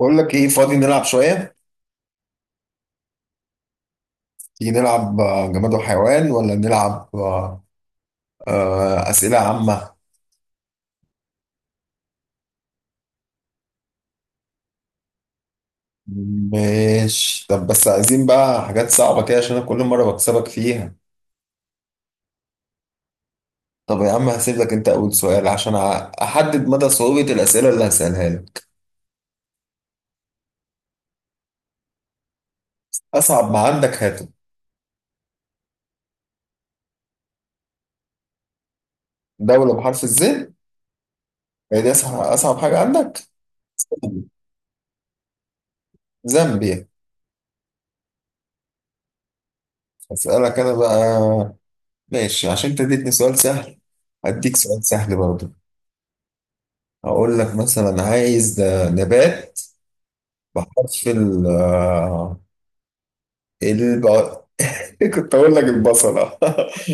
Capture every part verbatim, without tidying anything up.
بقول لك ايه؟ فاضي نلعب شوية. تيجي نلعب آه، جماد وحيوان ولا نلعب آه، آه، أسئلة عامة؟ ماشي، طب بس عايزين بقى حاجات صعبة كده عشان أنا كل مرة بكسبك فيها. طب يا عم هسيب لك انت اول سؤال عشان أع- احدد مدى صعوبة الأسئلة اللي هسألها لك. اصعب ما عندك هاته. دولة بحرف الزين. هي دي اصعب اصعب حاجة عندك؟ زامبيا. اسألك انا بقى. ماشي، عشان انت اديتني سؤال سهل هديك سؤال سهل برضه. اقول لك مثلا عايز نبات بحرف ال الب... كنت اقول لك البصلة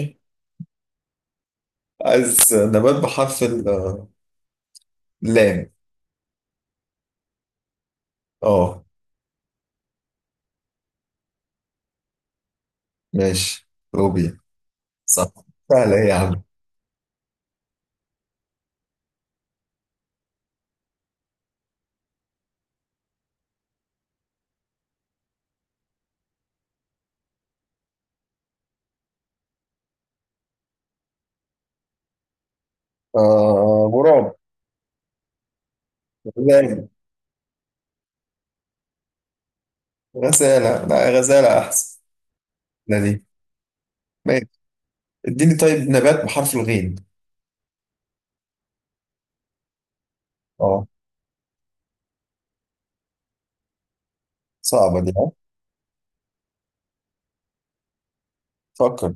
عايز نبات بحرف ال- اللام. اه. ماشي، لوبيا. صح. سهلة ايه يا عم. آه غراب. غزالة. غزالة، لا غزالة احسن. لا دي. ماشي، اديني طيب نبات بحرف الغين. اه، صعبة دي ها. فكر.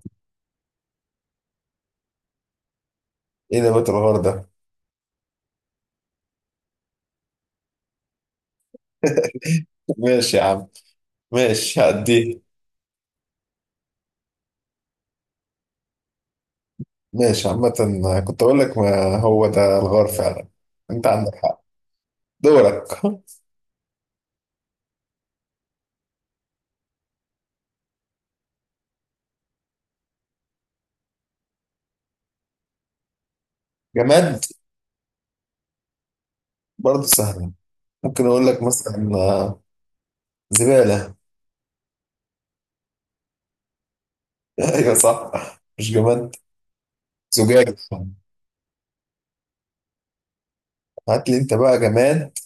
ايه نبات الغار ده؟ ماشي يا عم، ماشي هعديه. ماشي عامة، كنت أقول لك ما هو ده الغار فعلا. أنت عندك حق. دورك جماد، برضه سهلة. ممكن أقول لك مثلا آه، زبالة. أيوة صح. مش جماد. زجاج. هات لي أنت بقى جماد.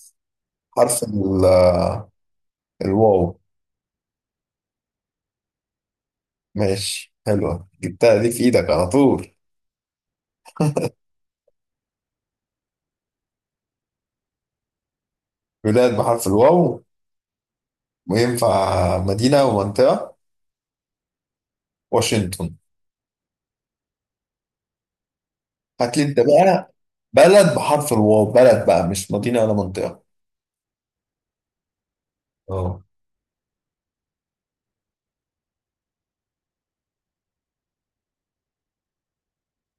حرف ال- آه، الواو. ماشي، حلوة جبتها دي في إيدك على طول. بلاد بحرف الواو. وينفع مدينة ومنطقة؟ واشنطن. هات لي أنت بقى بلد بحرف الواو، بلد بقى مش مدينة ولا منطقة. اه.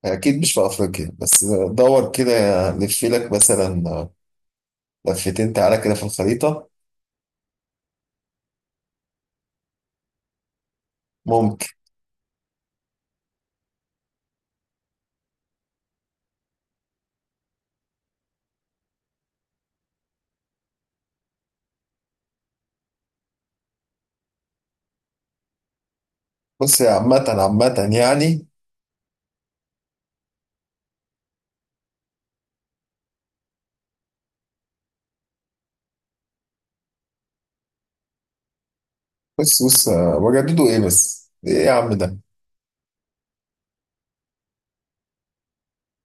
اكيد مش في افريقيا بس. دور كده، لف لك مثلا لفتين، تعالى كده في الخريطه. ممكن. بص يا عامه عامه يعني. بص بص. وجددوا ايه بس، ايه يا عم ده.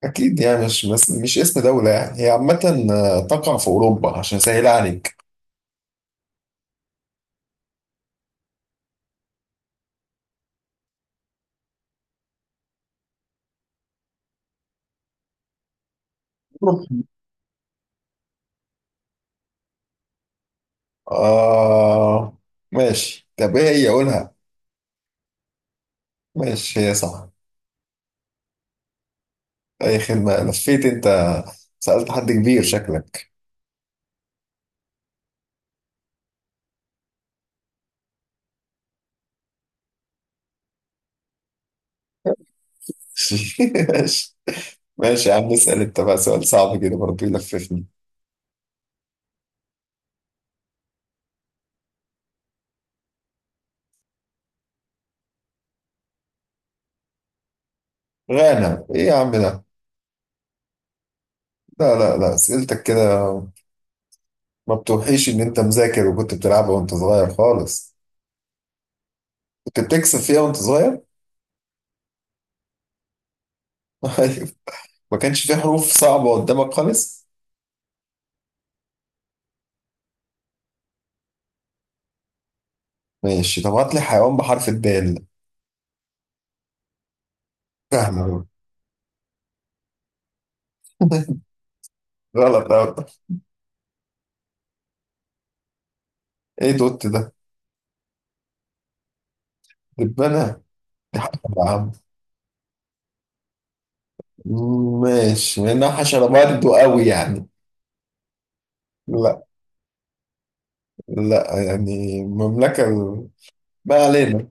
اكيد يعني مش بس مش اسم دوله يعني، هي عامه. تقع في اوروبا عشان اسهل عليك. أوروبا. آه. ماشي، طب ايه هي قولها. ماشي هي صح. اي خدمه، لفيت انت. سالت حد كبير شكلك. ماشي. ماشي يا عم، اسال انت بقى سؤال صعب كده برضه يلففني. غانا، ايه يا عم ده. لا لا لا، اسئلتك كده ما بتوحيش ان انت مذاكر وكنت بتلعبها وانت صغير خالص. كنت بتكسب فيها وانت صغير أيوة. ما كانش في حروف صعبة قدامك خالص. ماشي، طب هات لي حيوان بحرف الدال. فاهمة. غلط أوي. ايه دوت ده؟ دبانة. يا عم. ماشي، لانها حشرة برضه قوي يعني. لا. لا يعني المملكة ال- ما علينا.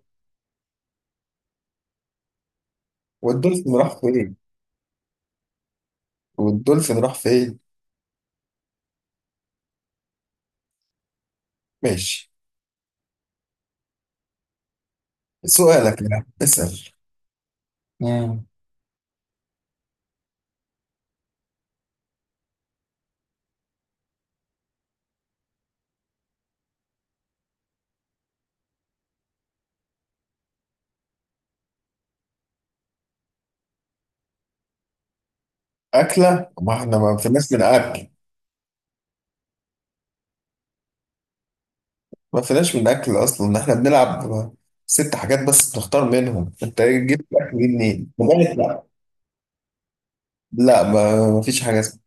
والدولفين راح فين؟ والدولفين راح فين؟ ماشي. سؤالك، يعني اسأل. مم. أكلة؟ ما احنا ما فيناش من أكل. ما فيناش من أكل أصلا، احنا بنلعب ست حاجات بس بنختار منهم، أنت إيه جبت أكل دي منين؟ لغاية لا. لا ما ما فيش حاجة اسمها.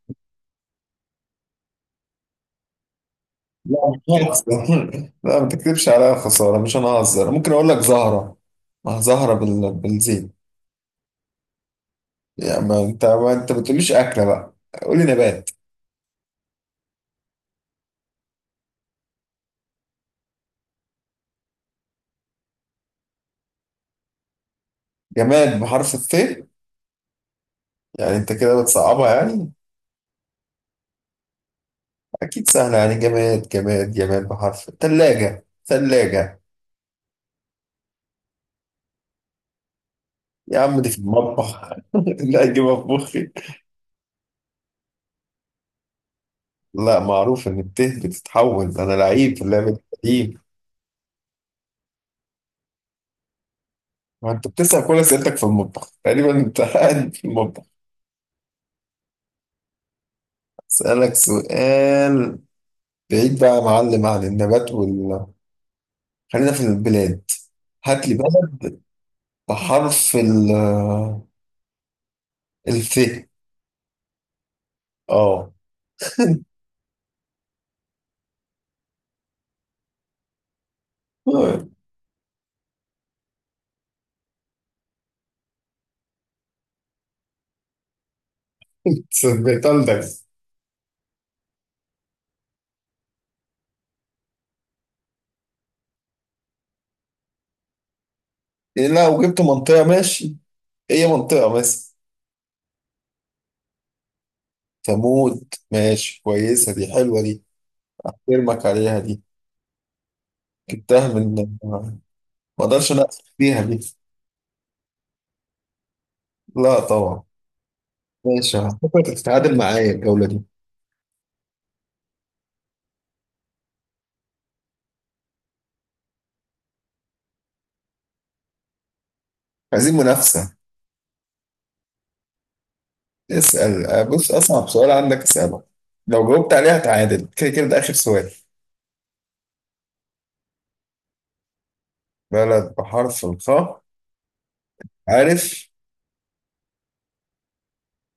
لا مش ههزر لا ما تكتبش عليا خسارة، مش أنا ههزر، ممكن أقول لك زهرة. ما هي زهرة بال... بالزيت. يعني ما أنت ما أنت ما بتقوليش أكلة بقى، قولي نبات. جماد بحرف الث. يعني أنت كده بتصعبها يعني. أكيد سهل، يعني جماد، جماد جماد بحرف ثلاجة، ثلاجة. يا عم دي في المطبخ لا أجيبها في مخي. لا، معروف إن الته بتتحول، أنا لعيب في اللعبة دي قديم. ما أنت بتسأل كل أسئلتك في المطبخ تقريبا، أنت قاعد في المطبخ. أسألك سؤال بعيد بقى يا معلم عن النبات وال خلينا في البلاد. هات لي بلد بحرف ال الف. اه. صدقت قلبك. إيه، لا وجبت منطقة ماشي، هي منطقة مثلا. تموت، ماشي كويسة دي، حلوة دي. ارمك عليها دي، جبتها من، ما اقدرش اناقشك فيها دي. لا طبعا. ماشي، هتفكر تتعادل معايا الجولة دي. عايزين منافسة. اسأل، بص أصعب سؤال عندك اسأله، لو جاوبت عليها هتعادل كده كده ده آخر سؤال. بلد بحرف الخاء. عارف.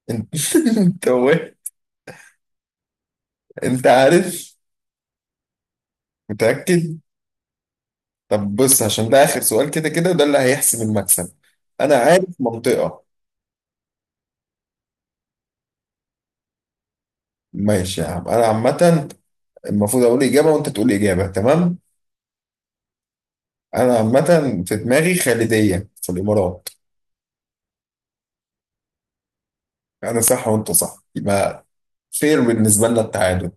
انت. انت وه- انت عارف، متأكد. طب بص، عشان ده آخر سؤال كده كده ده اللي هيحسم المكسب. أنا عارف منطقة. ماشي يا عم، انا عامة، المفروض اقول اجابة وانت تقول اجابة تمام. انا عامة في دماغي خالدية في الامارات. انا صح وانت صح، يبقى فير بالنسبة لنا التعادل.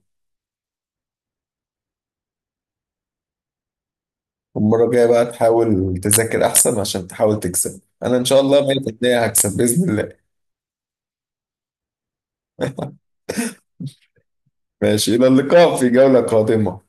المرة الجاية بقى تحاول تذاكر احسن عشان تحاول تكسب، انا ان شاء الله مية بالمية هكسب باذن الله. ماشي، الى اللقاء في جولة قادمة.